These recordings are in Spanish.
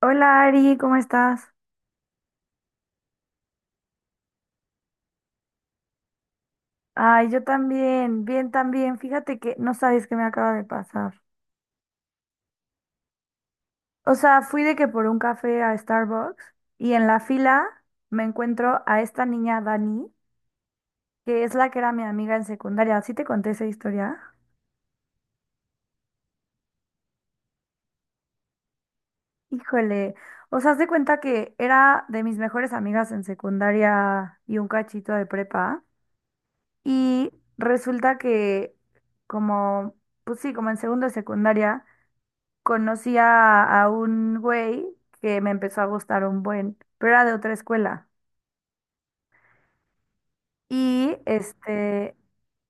Hola Ari, ¿cómo estás? Ay, yo también, bien también. Fíjate que no sabes qué me acaba de pasar. O sea, fui de que por un café a Starbucks y en la fila me encuentro a esta niña Dani, que es la que era mi amiga en secundaria. ¿Sí te conté esa historia? Híjole, o sea, haz de cuenta que era de mis mejores amigas en secundaria y un cachito de prepa. Y resulta que como, pues sí, como en segundo de secundaria. Conocí a un güey que me empezó a gustar un buen, pero era de otra escuela. Y este,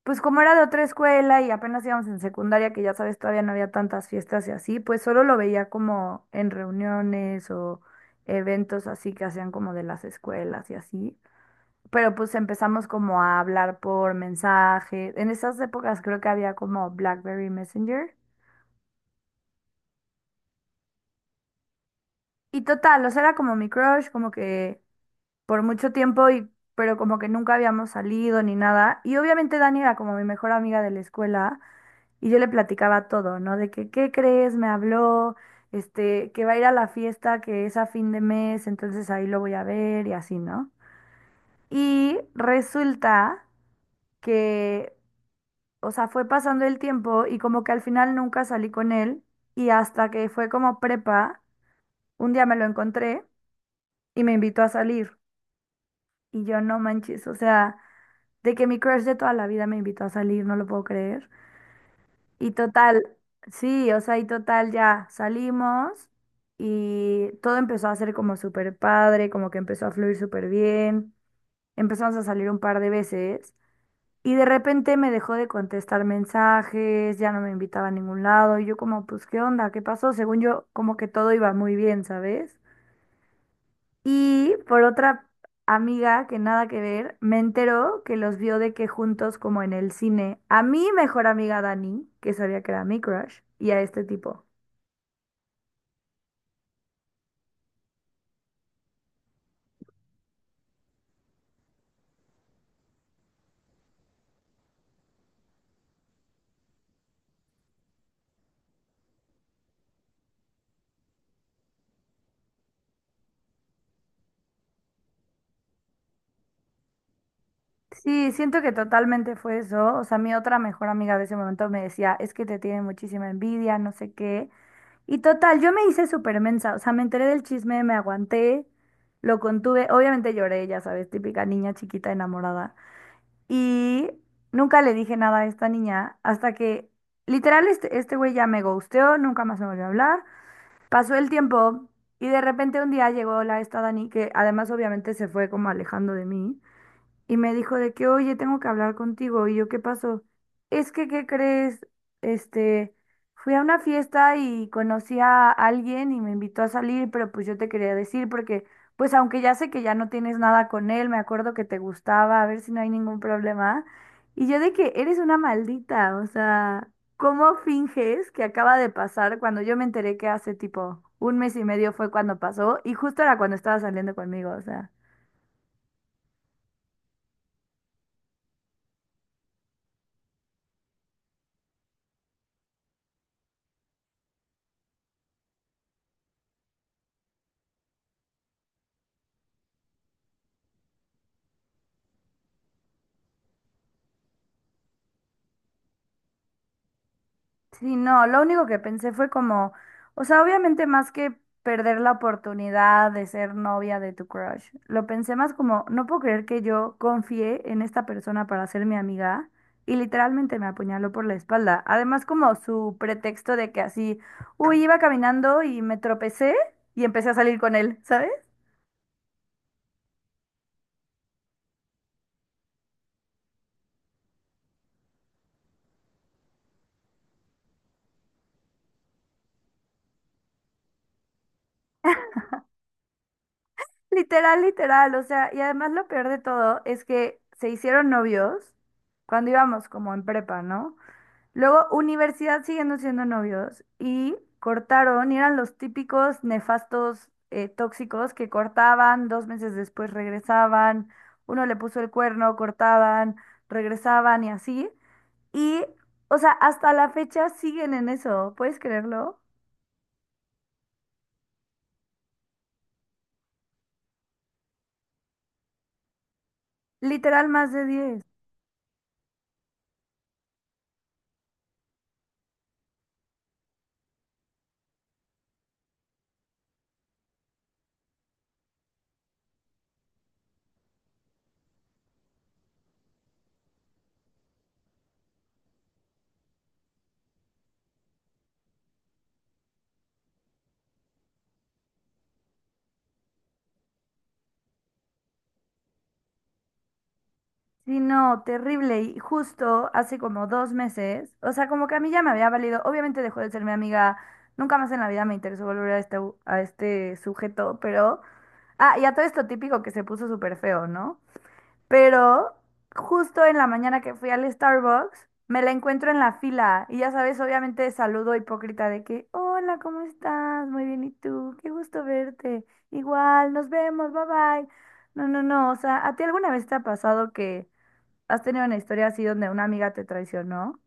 pues como era de otra escuela y apenas íbamos en secundaria, que ya sabes, todavía no había tantas fiestas y así, pues solo lo veía como en reuniones o eventos así que hacían como de las escuelas y así. Pero pues empezamos como a hablar por mensaje. En esas épocas creo que había como BlackBerry Messenger. Y total, o sea, era como mi crush, como que por mucho tiempo y pero como que nunca habíamos salido ni nada. Y obviamente Dani era como mi mejor amiga de la escuela y yo le platicaba todo, ¿no? De que, ¿qué crees? Me habló, este, que va a ir a la fiesta que es a fin de mes, entonces ahí lo voy a ver y así, ¿no? Y resulta que, o sea, fue pasando el tiempo y como que al final nunca salí con él y hasta que fue como prepa, un día me lo encontré y me invitó a salir y yo no manches, o sea... De que mi crush de toda la vida me invitó a salir, no lo puedo creer. Y total, sí, o sea, y total ya salimos y todo empezó a ser como súper padre, como que empezó a fluir súper bien. Empezamos a salir un par de veces y de repente me dejó de contestar mensajes, ya no me invitaba a ningún lado. Y yo como, pues, ¿qué onda? ¿Qué pasó? Según yo, como que todo iba muy bien, ¿sabes? Y por otra amiga que nada que ver, me enteró que los vio de que juntos como en el cine, a mi mejor amiga Dani, que sabía que era mi crush, y a este tipo. Sí, siento que totalmente fue eso. O sea, mi otra mejor amiga de ese momento me decía, es que te tiene muchísima envidia, no sé qué. Y total, yo me hice súper mensa, o sea, me enteré del chisme, me aguanté, lo contuve, obviamente lloré, ya sabes, típica niña chiquita enamorada. Y nunca le dije nada a esta niña hasta que literal este güey ya me ghosteó, nunca más me volvió a hablar. Pasó el tiempo y de repente un día llegó la esta Dani que además obviamente se fue como alejando de mí y me dijo de que, oye, tengo que hablar contigo. Y yo, ¿qué pasó? Es que, ¿qué crees? Este, fui a una fiesta y conocí a alguien y me invitó a salir, pero pues yo te quería decir porque, pues aunque ya sé que ya no tienes nada con él, me acuerdo que te gustaba, a ver si no hay ningún problema. Y yo de que eres una maldita, o sea, ¿cómo finges que acaba de pasar cuando yo me enteré que hace tipo un mes y medio fue cuando pasó y justo era cuando estaba saliendo conmigo, o sea. Sí, no, lo único que pensé fue como, o sea, obviamente más que perder la oportunidad de ser novia de tu crush, lo pensé más como, no puedo creer que yo confié en esta persona para ser mi amiga y literalmente me apuñaló por la espalda. Además, como su pretexto de que así, uy, iba caminando y me tropecé y empecé a salir con él, ¿sabes? Literal, literal, o sea, y además lo peor de todo es que se hicieron novios cuando íbamos como en prepa, ¿no? Luego, universidad siguiendo siendo novios y cortaron y eran los típicos nefastos tóxicos que cortaban, 2 meses después regresaban, uno le puso el cuerno, cortaban, regresaban y así. Y, o sea, hasta la fecha siguen en eso, ¿puedes creerlo? Literal más de 10. Sí, no, terrible. Y justo hace como 2 meses, o sea, como que a mí ya me había valido, obviamente dejó de ser mi amiga, nunca más en la vida me interesó volver a este sujeto, pero... Ah, y a todo esto típico que se puso súper feo, ¿no? Pero justo en la mañana que fui al Starbucks, me la encuentro en la fila y ya sabes, obviamente saludo hipócrita de que, hola, ¿cómo estás? Muy bien, ¿y tú? Qué gusto verte. Igual, nos vemos, bye bye. No, no, no, o sea, ¿a ti alguna vez te ha pasado que has tenido una historia así donde una amiga te traicionó?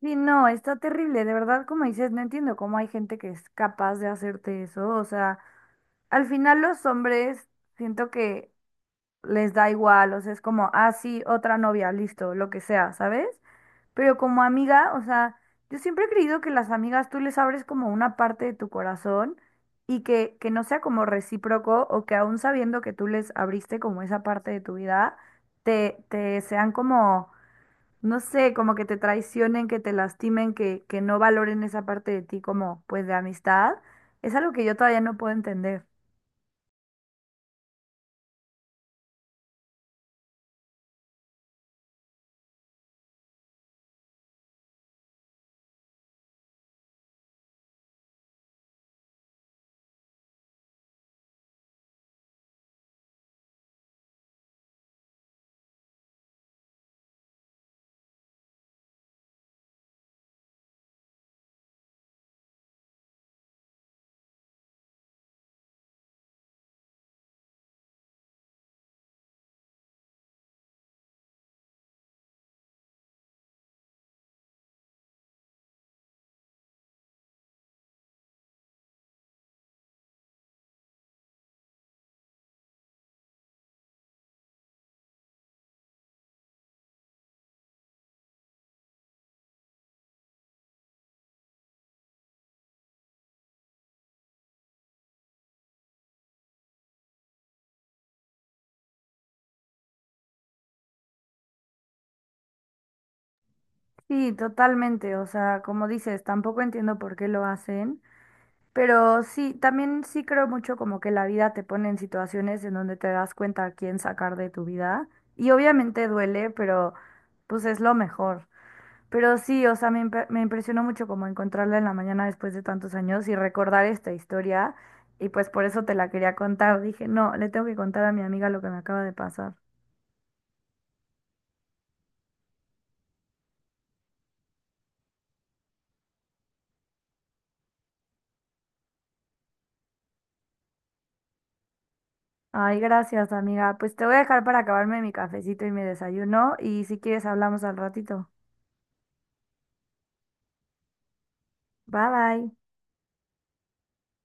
Sí, no, está terrible, de verdad, como dices, no entiendo cómo hay gente que es capaz de hacerte eso, o sea, al final los hombres siento que les da igual, o sea, es como, ah, sí, otra novia, listo, lo que sea, ¿sabes? Pero como amiga, o sea, yo siempre he creído que las amigas tú les abres como una parte de tu corazón y que no sea como recíproco o que aún sabiendo que tú les abriste como esa parte de tu vida, te sean como, no sé, como que te traicionen, que te lastimen, que no valoren esa parte de ti como pues de amistad, es algo que yo todavía no puedo entender. Sí, totalmente. O sea, como dices, tampoco entiendo por qué lo hacen, pero sí, también sí creo mucho como que la vida te pone en situaciones en donde te das cuenta a quién sacar de tu vida. Y obviamente duele, pero pues es lo mejor. Pero sí, o sea, me impresionó mucho como encontrarla en la mañana después de tantos años y recordar esta historia. Y pues por eso te la quería contar. Dije, no, le tengo que contar a mi amiga lo que me acaba de pasar. Ay, gracias, amiga. Pues te voy a dejar para acabarme mi cafecito y mi desayuno y si quieres hablamos al ratito. Bye bye.